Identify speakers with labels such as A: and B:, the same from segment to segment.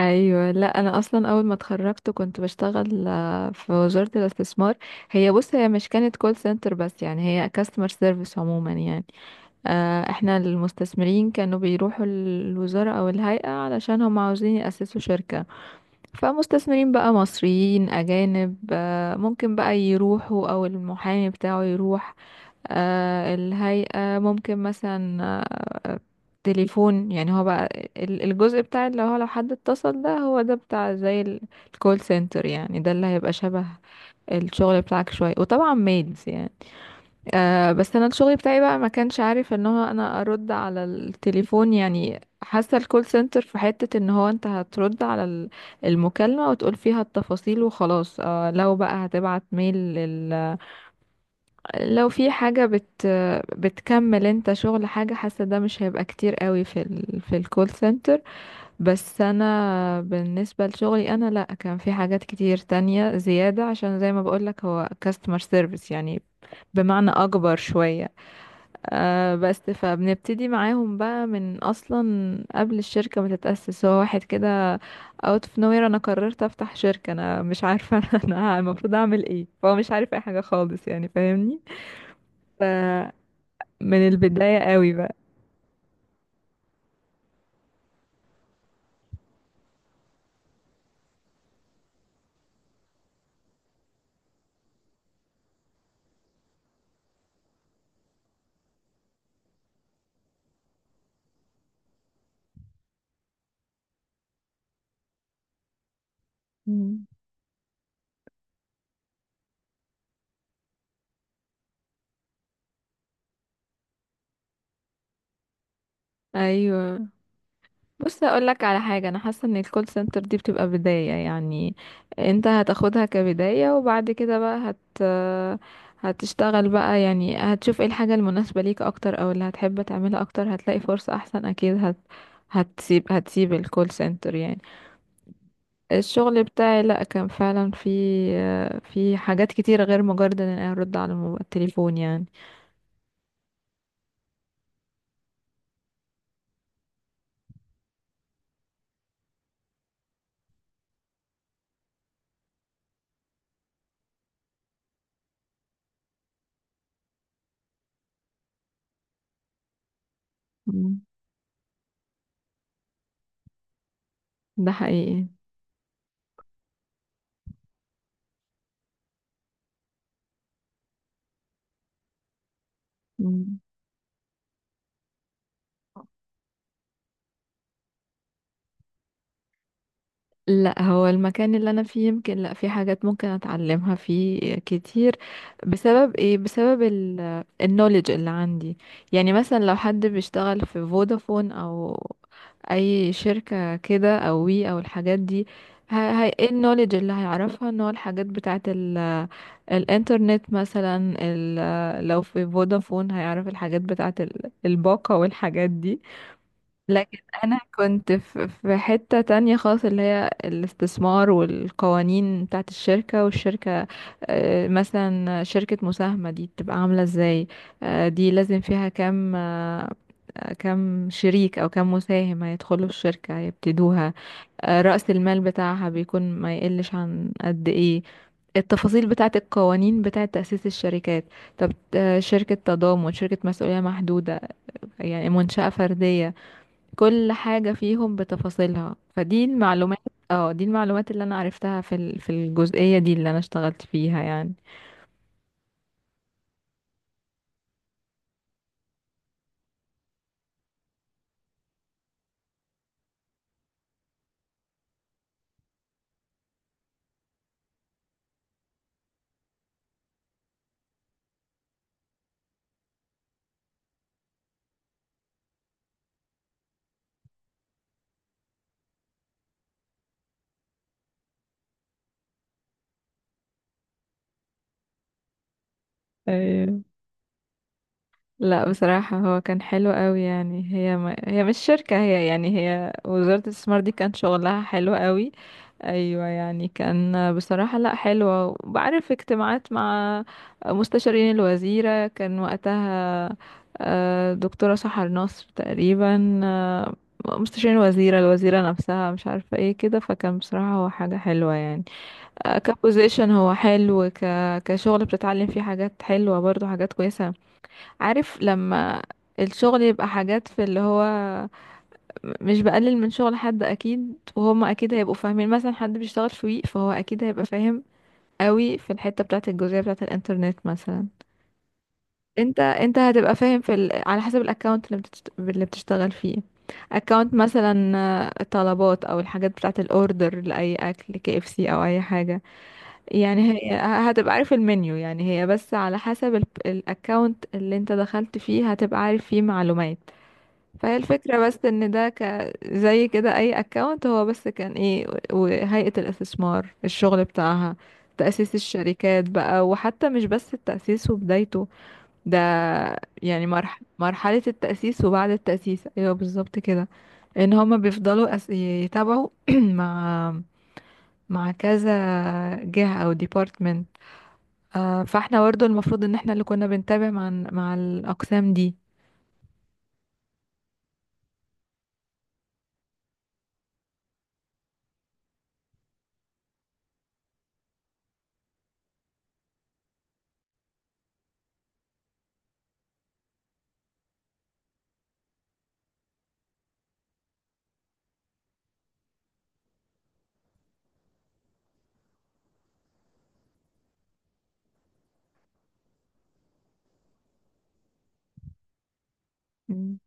A: ايوه، لا انا اصلا اول ما اتخرجت كنت بشتغل في وزارة الاستثمار. هي بص هي مش كانت كول سنتر، بس يعني هي كاستمر سيرفيس عموما يعني. احنا المستثمرين كانوا بيروحوا الوزارة او الهيئة علشان هم عاوزين يأسسوا شركة. فمستثمرين بقى مصريين اجانب ممكن بقى يروحوا او المحامي بتاعه يروح. الهيئة ممكن مثلا آه، تليفون، يعني هو بقى الجزء بتاع اللي هو لو حد اتصل، ده هو ده بتاع زي الكول سنتر، يعني ده اللي هيبقى شبه الشغل بتاعك شوية وطبعا ميلز يعني. بس انا الشغل بتاعي بقى ما كانش عارف ان هو انا ارد على التليفون. يعني حاسة الكول سنتر في حتة ان هو انت هترد على المكالمة وتقول فيها التفاصيل وخلاص. لو بقى هتبعت ميل، لو في حاجة بتكمل انت شغل، حاجة حاسة ده مش هيبقى كتير قوي في في الكول سنتر. بس انا بالنسبة لشغلي انا لا، كان في حاجات كتير تانية زيادة، عشان زي ما بقولك هو كاستمر سيرفيس يعني، بمعنى اكبر شوية. بس فبنبتدي معاهم بقى من اصلا قبل الشركة ما تتأسس. هو واحد كده out of nowhere انا قررت افتح شركة، انا مش عارفة انا المفروض اعمل ايه، فهو مش عارف اي حاجة خالص يعني، فاهمني، من البداية قوي بقى. مم. ايوه، بص هقول لك على حاجه. انا حاسه ان الكول سنتر دي بتبقى بدايه يعني، انت هتاخدها كبدايه وبعد كده بقى هتشتغل بقى. يعني هتشوف ايه الحاجه المناسبه ليك اكتر او اللي هتحب تعملها اكتر، هتلاقي فرصه احسن اكيد. هت هتسيب هتسيب الكول سنتر يعني. الشغل بتاعي لا كان فعلا في حاجات كتيره غير مجرد ان انا ارد على التليفون يعني. مم. ده حقيقي. مم. لا، هو المكان اللي انا فيه يمكن، لا في حاجات ممكن اتعلمها فيه كتير. بسبب ايه؟ بسبب النولج اللي عندي. يعني مثلا لو حد بيشتغل في فودافون او اي شركة كده او وي او الحاجات دي، ه- هي ايه النولج اللي هيعرفها؟ ان هو الحاجات بتاعت الانترنت مثلا، لو في فودافون هيعرف الحاجات بتاعت الباقة والحاجات دي. لكن انا كنت في حتة تانية خالص، اللي هي الاستثمار والقوانين بتاعت الشركة والشركة. مثلا شركة مساهمة دي بتبقى عاملة ازاي؟ دي لازم فيها كام شريك او كام مساهم هيدخلوا الشركة هيبتدوها؟ رأس المال بتاعها بيكون ما يقلش عن قد ايه؟ التفاصيل بتاعت القوانين بتاعت تأسيس الشركات. طب شركة تضامن، شركة مسؤولية محدودة، يعني منشأة فردية، كل حاجة فيهم بتفاصيلها. فدي المعلومات. اه دي المعلومات اللي انا عرفتها في في الجزئية دي اللي انا اشتغلت فيها يعني. لا بصراحة هو كان حلو قوي، يعني هي ما هي مش شركة، هي يعني هي وزارة الاستثمار دي كان شغلها حلو قوي. ايوه يعني كان بصراحة لا حلوة، وبعرف اجتماعات مع مستشارين الوزيرة، كان وقتها دكتورة سحر نصر تقريبا. مستشارين الوزيرة، الوزيرة نفسها، مش عارفة ايه كده. فكان بصراحة هو حاجة حلوة يعني. كبوزيشن هو حلو، كشغل بتتعلم فيه حاجات حلوة برضو، حاجات كويسة. عارف لما الشغل يبقى حاجات في اللي هو، مش بقلل من شغل حد اكيد، وهما اكيد هيبقوا فاهمين، مثلا حد بيشتغل في ويك فهو اكيد هيبقى فاهم قوي في الحتة بتاعة الجزئية بتاعة الانترنت مثلا. انت هتبقى فاهم في على حسب الاكونت اللي بتشتغل فيه. اكونت مثلا طلبات او الحاجات بتاعة الاوردر لاي اكل، كي اف سي او اي حاجة. يعني هي هتبقى عارف المنيو يعني، هي بس على حسب الاكونت اللي انت دخلت فيه هتبقى عارف فيه معلومات. فهي الفكرة، بس ان ده زي كده اي اكونت. هو بس كان ايه وهيئة الاستثمار الشغل بتاعها تأسيس الشركات بقى. وحتى مش بس التأسيس وبدايته ده، يعني مرحلة التأسيس وبعد التأسيس، ايوه بالظبط كده، ان هما بيفضلوا يتابعوا مع كذا جهة او ديبارتمنت. فاحنا برضه المفروض ان احنا اللي كنا بنتابع مع الأقسام دي. مم.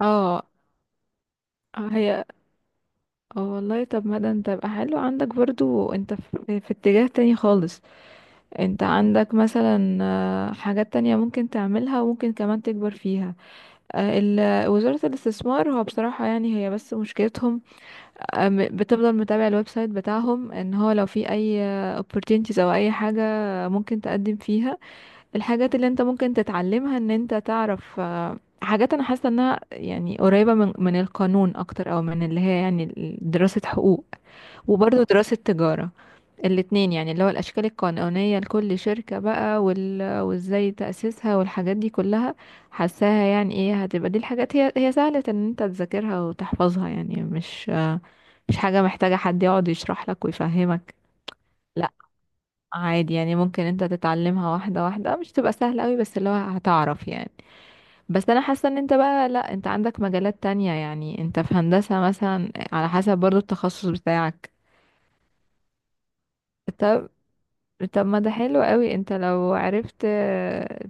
A: اه هي اه والله، طب ما ده انت يبقى حلو عندك برضو. انت في اتجاه تاني خالص. انت عندك مثلا حاجات تانية ممكن تعملها وممكن كمان تكبر فيها. وزارة الاستثمار هو بصراحة يعني هي بس مشكلتهم، بتفضل متابع الويب سايت بتاعهم ان هو لو في اي opportunities او اي حاجة ممكن تقدم فيها. الحاجات اللي انت ممكن تتعلمها ان انت تعرف حاجات انا حاسه انها يعني قريبه من القانون اكتر، او من اللي هي يعني دراسه حقوق، وبرضه دراسة تجارة. الاتنين يعني، اللي هو الأشكال القانونية لكل شركة بقى وازاي تأسيسها والحاجات دي كلها. حاساها يعني، ايه، هتبقى دي الحاجات هي سهلة ان انت تذاكرها وتحفظها يعني، مش حاجة محتاجة حد يقعد يشرح لك ويفهمك. لا عادي يعني، ممكن انت تتعلمها واحدة واحدة، مش تبقى سهلة قوي بس اللي هو هتعرف يعني. بس انا حاسة ان انت بقى لا، انت عندك مجالات تانية يعني، انت في هندسة مثلا. على حسب برضو التخصص بتاعك. طب ما ده حلو قوي. انت لو عرفت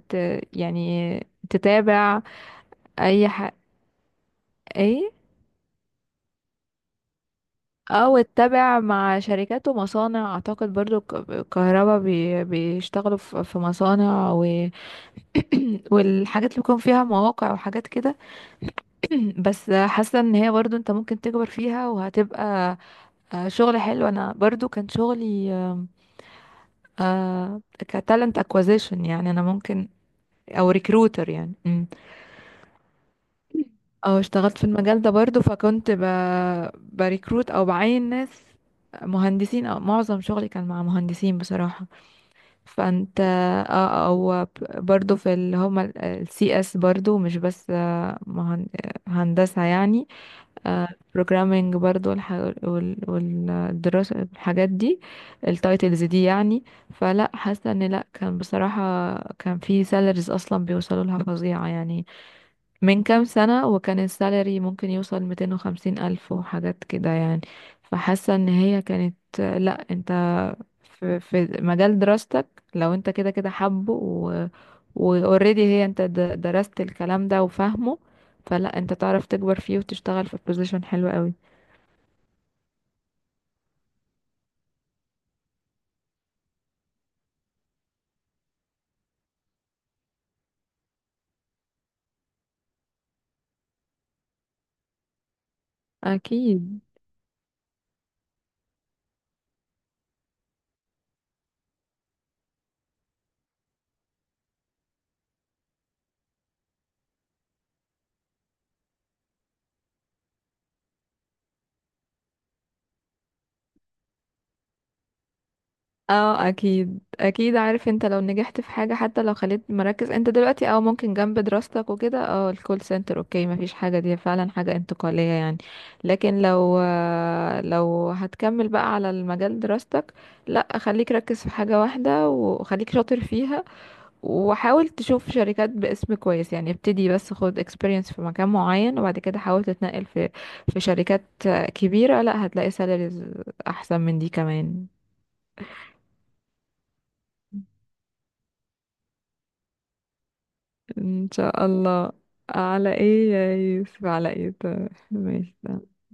A: ت... يعني تتابع، اي ح... ايه، او تتابع مع شركات ومصانع، اعتقد برضو الكهرباء بيشتغلوا في مصانع والحاجات اللي بيكون فيها مواقع وحاجات كده. بس حاسه ان هي برضو انت ممكن تكبر فيها وهتبقى شغل حلو. انا برضو كان شغلي كتالنت اكوزيشن، يعني انا ممكن او ريكروتر يعني. اه اشتغلت في المجال ده برضو، فكنت بريكروت او بعين ناس مهندسين، او معظم شغلي كان مع مهندسين بصراحة. فانت او برضو في اللي هما السي اس برضو، مش بس آه، مهن... آه، هندسة يعني، بروجرامينج برضو والدراسة الحاجات دي، التايتلز دي يعني. فلا، حاسة ان لا، كان بصراحة كان في سالاريز اصلا بيوصلوا لها فظيعة يعني. من كام سنة وكان السالري ممكن يوصل 250 ألف وحاجات كده يعني. فحاسة ان هي كانت لا، انت في مجال دراستك، لو انت كده كده حابه، و اوريدي هي انت درست الكلام ده وفاهمه، فلا انت تعرف تكبر فيه وتشتغل في بوزيشن حلو قوي. اكيد اه اكيد اكيد. عارف، انت لو نجحت في حاجة حتى لو خليت مركز انت دلوقتي او ممكن جنب دراستك وكده، الكول سنتر اوكي مفيش حاجة، دي فعلا حاجة انتقالية يعني. لكن لو هتكمل بقى على المجال دراستك، لا خليك ركز في حاجة واحدة وخليك شاطر فيها، وحاول تشوف شركات باسم كويس يعني. ابتدي بس خد experience في مكان معين وبعد كده حاول تتنقل في شركات كبيرة، لا هتلاقي سالاريز احسن من دي كمان. ان شاء الله. على ايه يا يوسف، على ايه؟ طيب. ماشي تمام.